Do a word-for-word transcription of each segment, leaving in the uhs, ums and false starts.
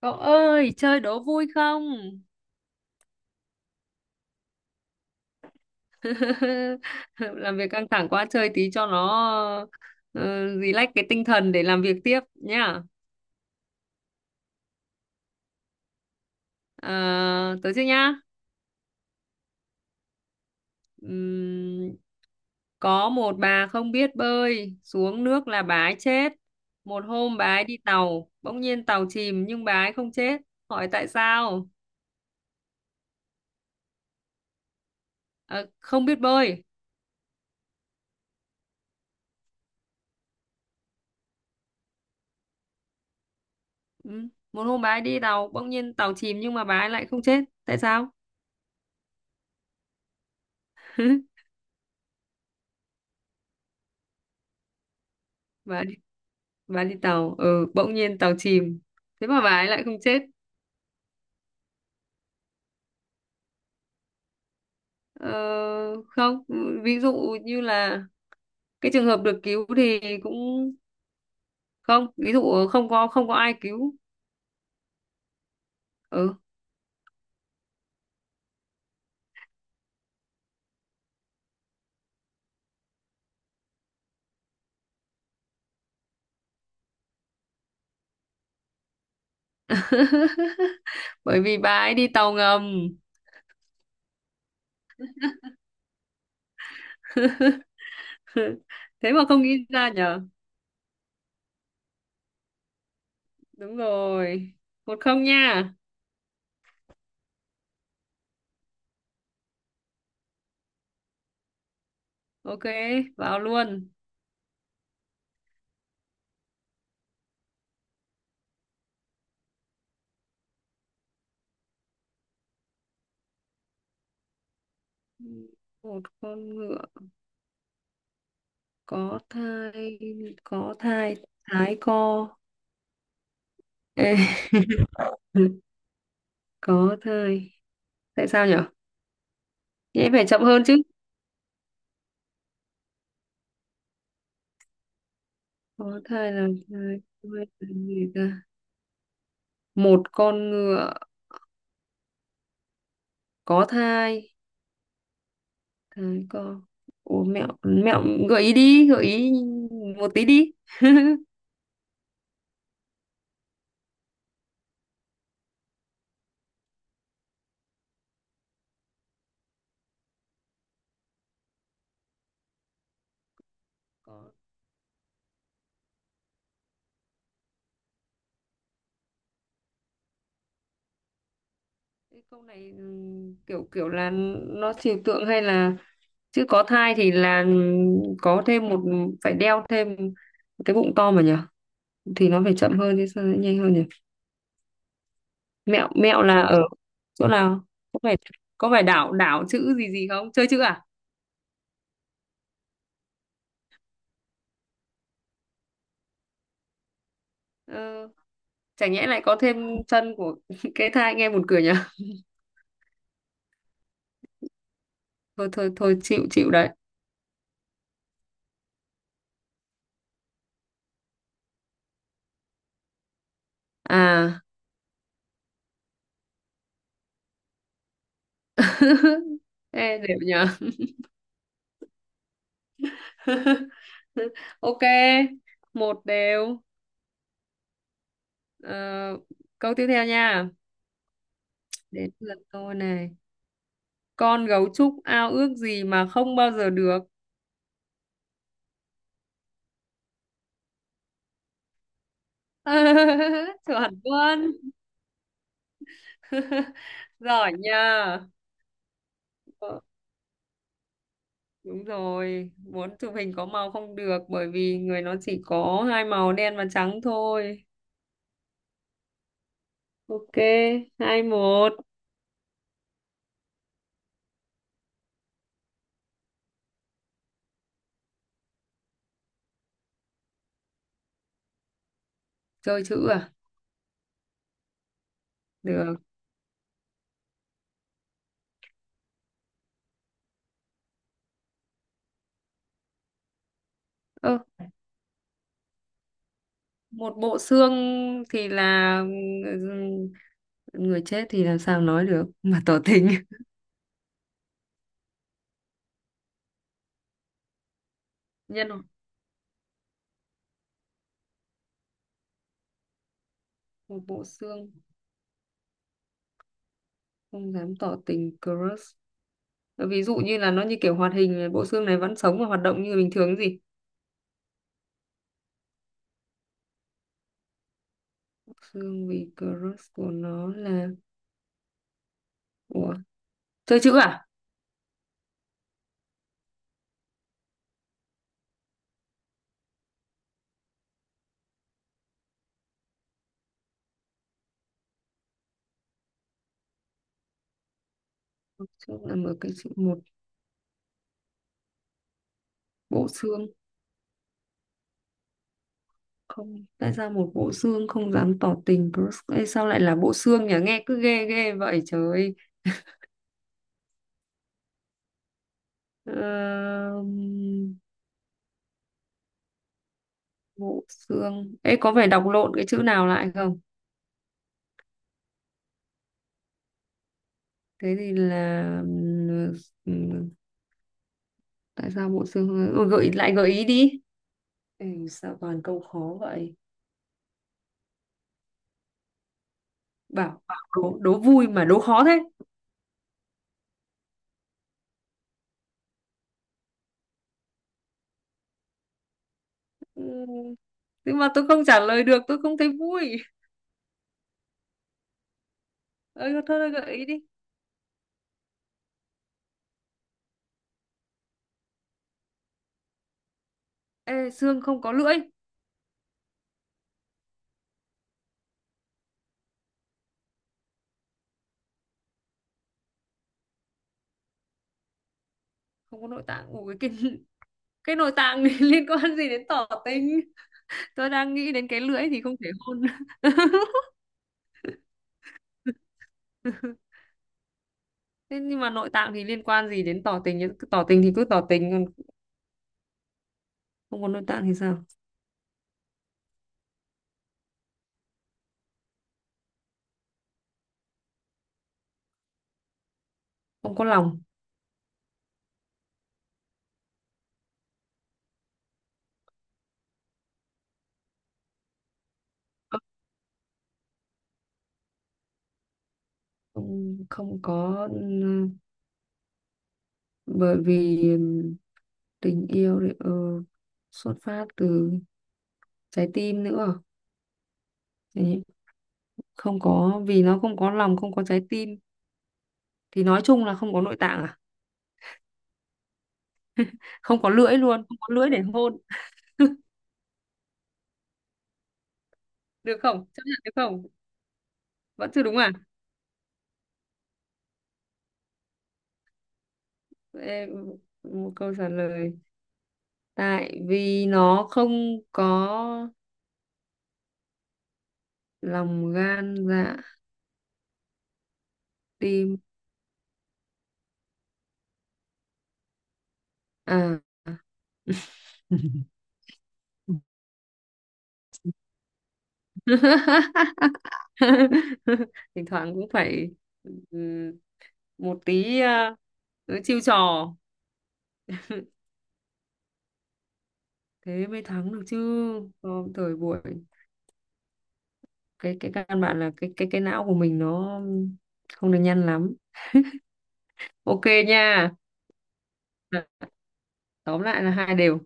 Cậu ơi, chơi đố vui không? Làm việc căng thẳng quá chơi tí cho nó uh, relax cái tinh thần để làm việc tiếp nhá. Ờ, tới chưa nhá. Ừm, có một bà không biết bơi, xuống nước là bà ấy chết. Một hôm bà ấy đi tàu, bỗng nhiên tàu chìm nhưng bà ấy không chết. Hỏi tại sao? Ờ, không biết bơi. Ừm, Một hôm bà ấy đi tàu, bỗng nhiên tàu chìm nhưng mà bà ấy lại không chết. Tại sao? Bà ấy Bà đi tàu, ừ, bỗng nhiên tàu chìm. Thế mà bà ấy lại không chết. Ờ, không, ví dụ như là cái trường hợp được cứu thì cũng không, ví dụ không có không có ai cứu. Ừ, bởi vì bà ấy đi tàu ngầm. Thế mà không nghĩ ra nhở. Đúng rồi. Một không nha. Ok, vào luôn. Một con ngựa có thai, có thai, thái co. Ê, có thai. Tại sao nhở? Thì em phải chậm hơn chứ. Có thai là thai. Nuôi là gì ta? Một con ngựa có thai. Thai con. Ủa mẹo, mẹo gợi ý đi, gợi ý một tí đi. Có. Cái câu này ừ, kiểu kiểu là nó trừu tượng hay là chữ có thai thì là có thêm một, phải đeo thêm cái bụng to mà nhỉ, thì nó phải chậm hơn chứ sao nó nhanh hơn nhỉ. Mẹo mẹo là ở chỗ nào? Có phải, có phải đảo đảo chữ gì gì không, chơi chữ à? Ờ, chẳng nhẽ lại có thêm chân của cái thai nghe buồn cười nhỉ. Thôi thôi thôi chịu chịu đấy. À, ê đều nhờ. Ok, một đều. Ờ, câu tiếp theo nha, đến lượt tôi này. Con gấu trúc ao ước gì mà không bao giờ được? Chuẩn luôn. Giỏi nha. Ờ, đúng rồi, muốn chụp hình có màu không được bởi vì người nó chỉ có hai màu đen và trắng thôi. Ok, hai một. Chơi chữ à? Được. Ơ, một bộ xương thì là, ừ, người chết thì làm sao nói được mà tỏ tình. Nhân hoặc một bộ xương không dám tỏ tình crush. Ờ, ví dụ như là nó như kiểu hoạt hình, bộ xương này vẫn sống và hoạt động như bình thường gì. Bộ xương vì crush của nó là của, chơi chữ à? Bộ là một cái chữ một, bộ xương không, tại sao một bộ xương không dám tỏ tình crush? Ê, sao lại là bộ xương nhỉ, nghe cứ ghê ghê vậy trời. Ờ, bộ xương ấy có phải đọc lộn cái chữ nào lại không? Thế thì là, ừ, tại sao bộ xương, ừ, gợi lại gợi ý đi. Ừ, sao toàn câu khó vậy? Bảo bảo đố, đố vui mà đố khó thế. Ừ, nhưng mà tôi không trả lời được tôi không thấy vui. Ơi, thôi thôi gợi ý đi. Ê, xương không có lưỡi, không có nội tạng. Ủa, cái cái nội tạng này liên quan gì đến tỏ tình? Tôi đang nghĩ đến cái lưỡi thì không thể hôn. Thế nhưng mà nội tạng thì liên quan gì đến tỏ tình nhỉ? Cứ tỏ tình thì cứ tỏ tình, còn không có nội tạng thì sao? Không có lòng. Không không có, ừm, bởi vì ừm, tình yêu thì ờ, xuất phát từ trái tim nữa. Thế nhỉ? Không có, vì nó không có lòng, không có trái tim, thì nói chung là không có nội tạng à, không có lưỡi luôn, không có lưỡi để hôn. Được không, chấp nhận được không? Vẫn chưa đúng à? Ê, một câu trả lời, tại vì nó không có lòng gan dạ. Đi à? Thỉnh thoảng cũng phải, ừm, một tí, à, ừ, chiêu trò, thế mới thắng được chứ. Còn thời buổi, cái cái căn bản là cái cái cái não của mình nó không được nhanh lắm. Ok nha. À, tóm lại là hai đều.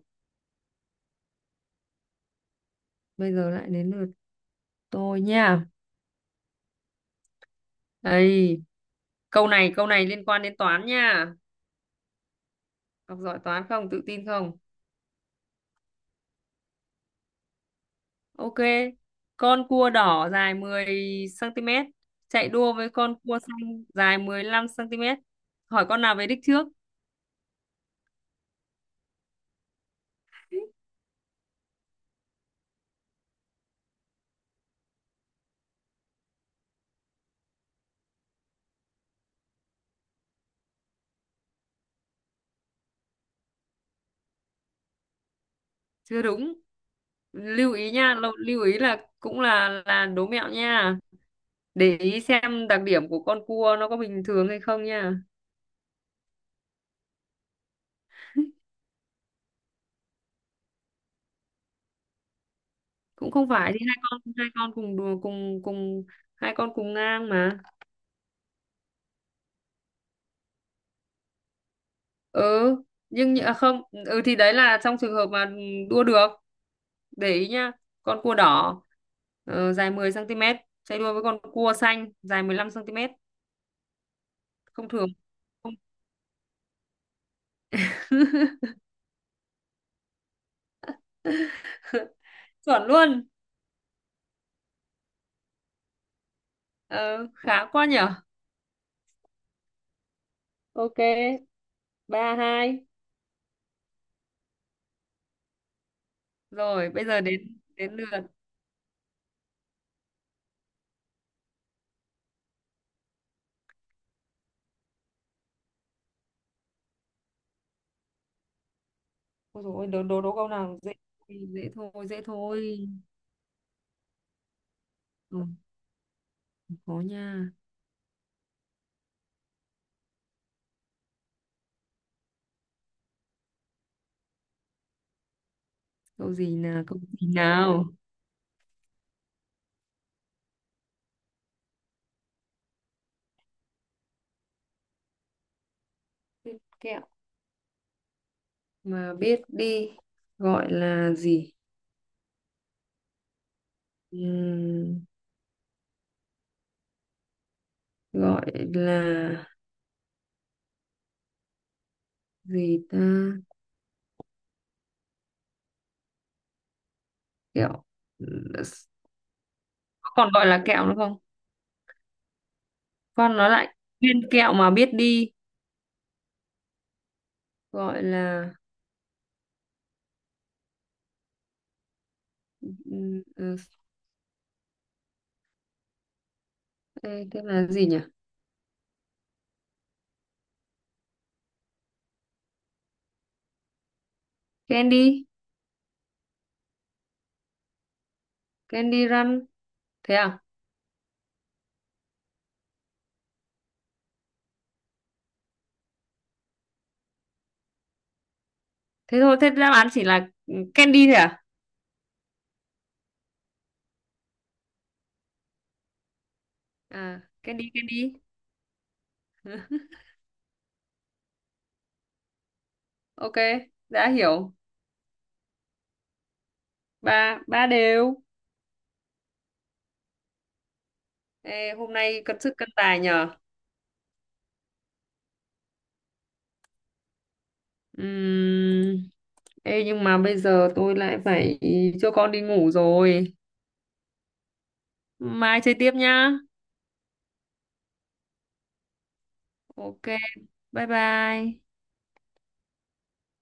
Bây giờ lại đến lượt tôi nha. Đây, câu này, câu này liên quan đến toán nha. Học giỏi toán không, tự tin không? Ok, con cua đỏ dài mười xăng ti mét chạy đua với con cua xanh dài mười lăm xăng ti mét. Hỏi con nào về đích trước? Chưa đúng. Lưu ý nha, lưu lưu ý là cũng là là đố mẹo nha. Để ý xem đặc điểm của con cua nó có bình thường hay không nha. Cũng không phải, thì hai con hai con cùng đùa- cùng cùng hai con cùng ngang mà. Ừ, nhưng nhỡ- à, không, ừ thì đấy là trong trường hợp mà đua được. Để ý nhá, con cua đỏ ờ, dài mười xăng ti mét chạy đua với con cua xanh dài mười lăm xăng ti mét. Không thường. Không. Chuẩn luôn. Ờ, khá quá nhở. Ok, ba hai. Rồi bây giờ đến đến lượt. Ôi dồi ôi, đố đố đố câu nào dễ. Dễ thôi dễ thôi Ừ, khó nha. Câu gì nào câu gì nào Kẹo mà biết đi gọi là gì? Ừm, gọi là gì ta? Kẹo, còn gọi là kẹo nữa không? Con nó lại, viên kẹo mà biết đi gọi là, ừm, ừ, thế thế là gì nhỉ? Candy. Candy run, thế à? Thế thôi, thế đáp án chỉ là ừ, candy thôi à? À, candy candy Ok, đã hiểu. Ba ba đều. Ê, hôm nay cân sức cân tài nhờ. Ừm, Ê, nhưng mà bây giờ tôi lại phải cho con đi ngủ rồi. Mai chơi tiếp nhá. Ok, bye bye.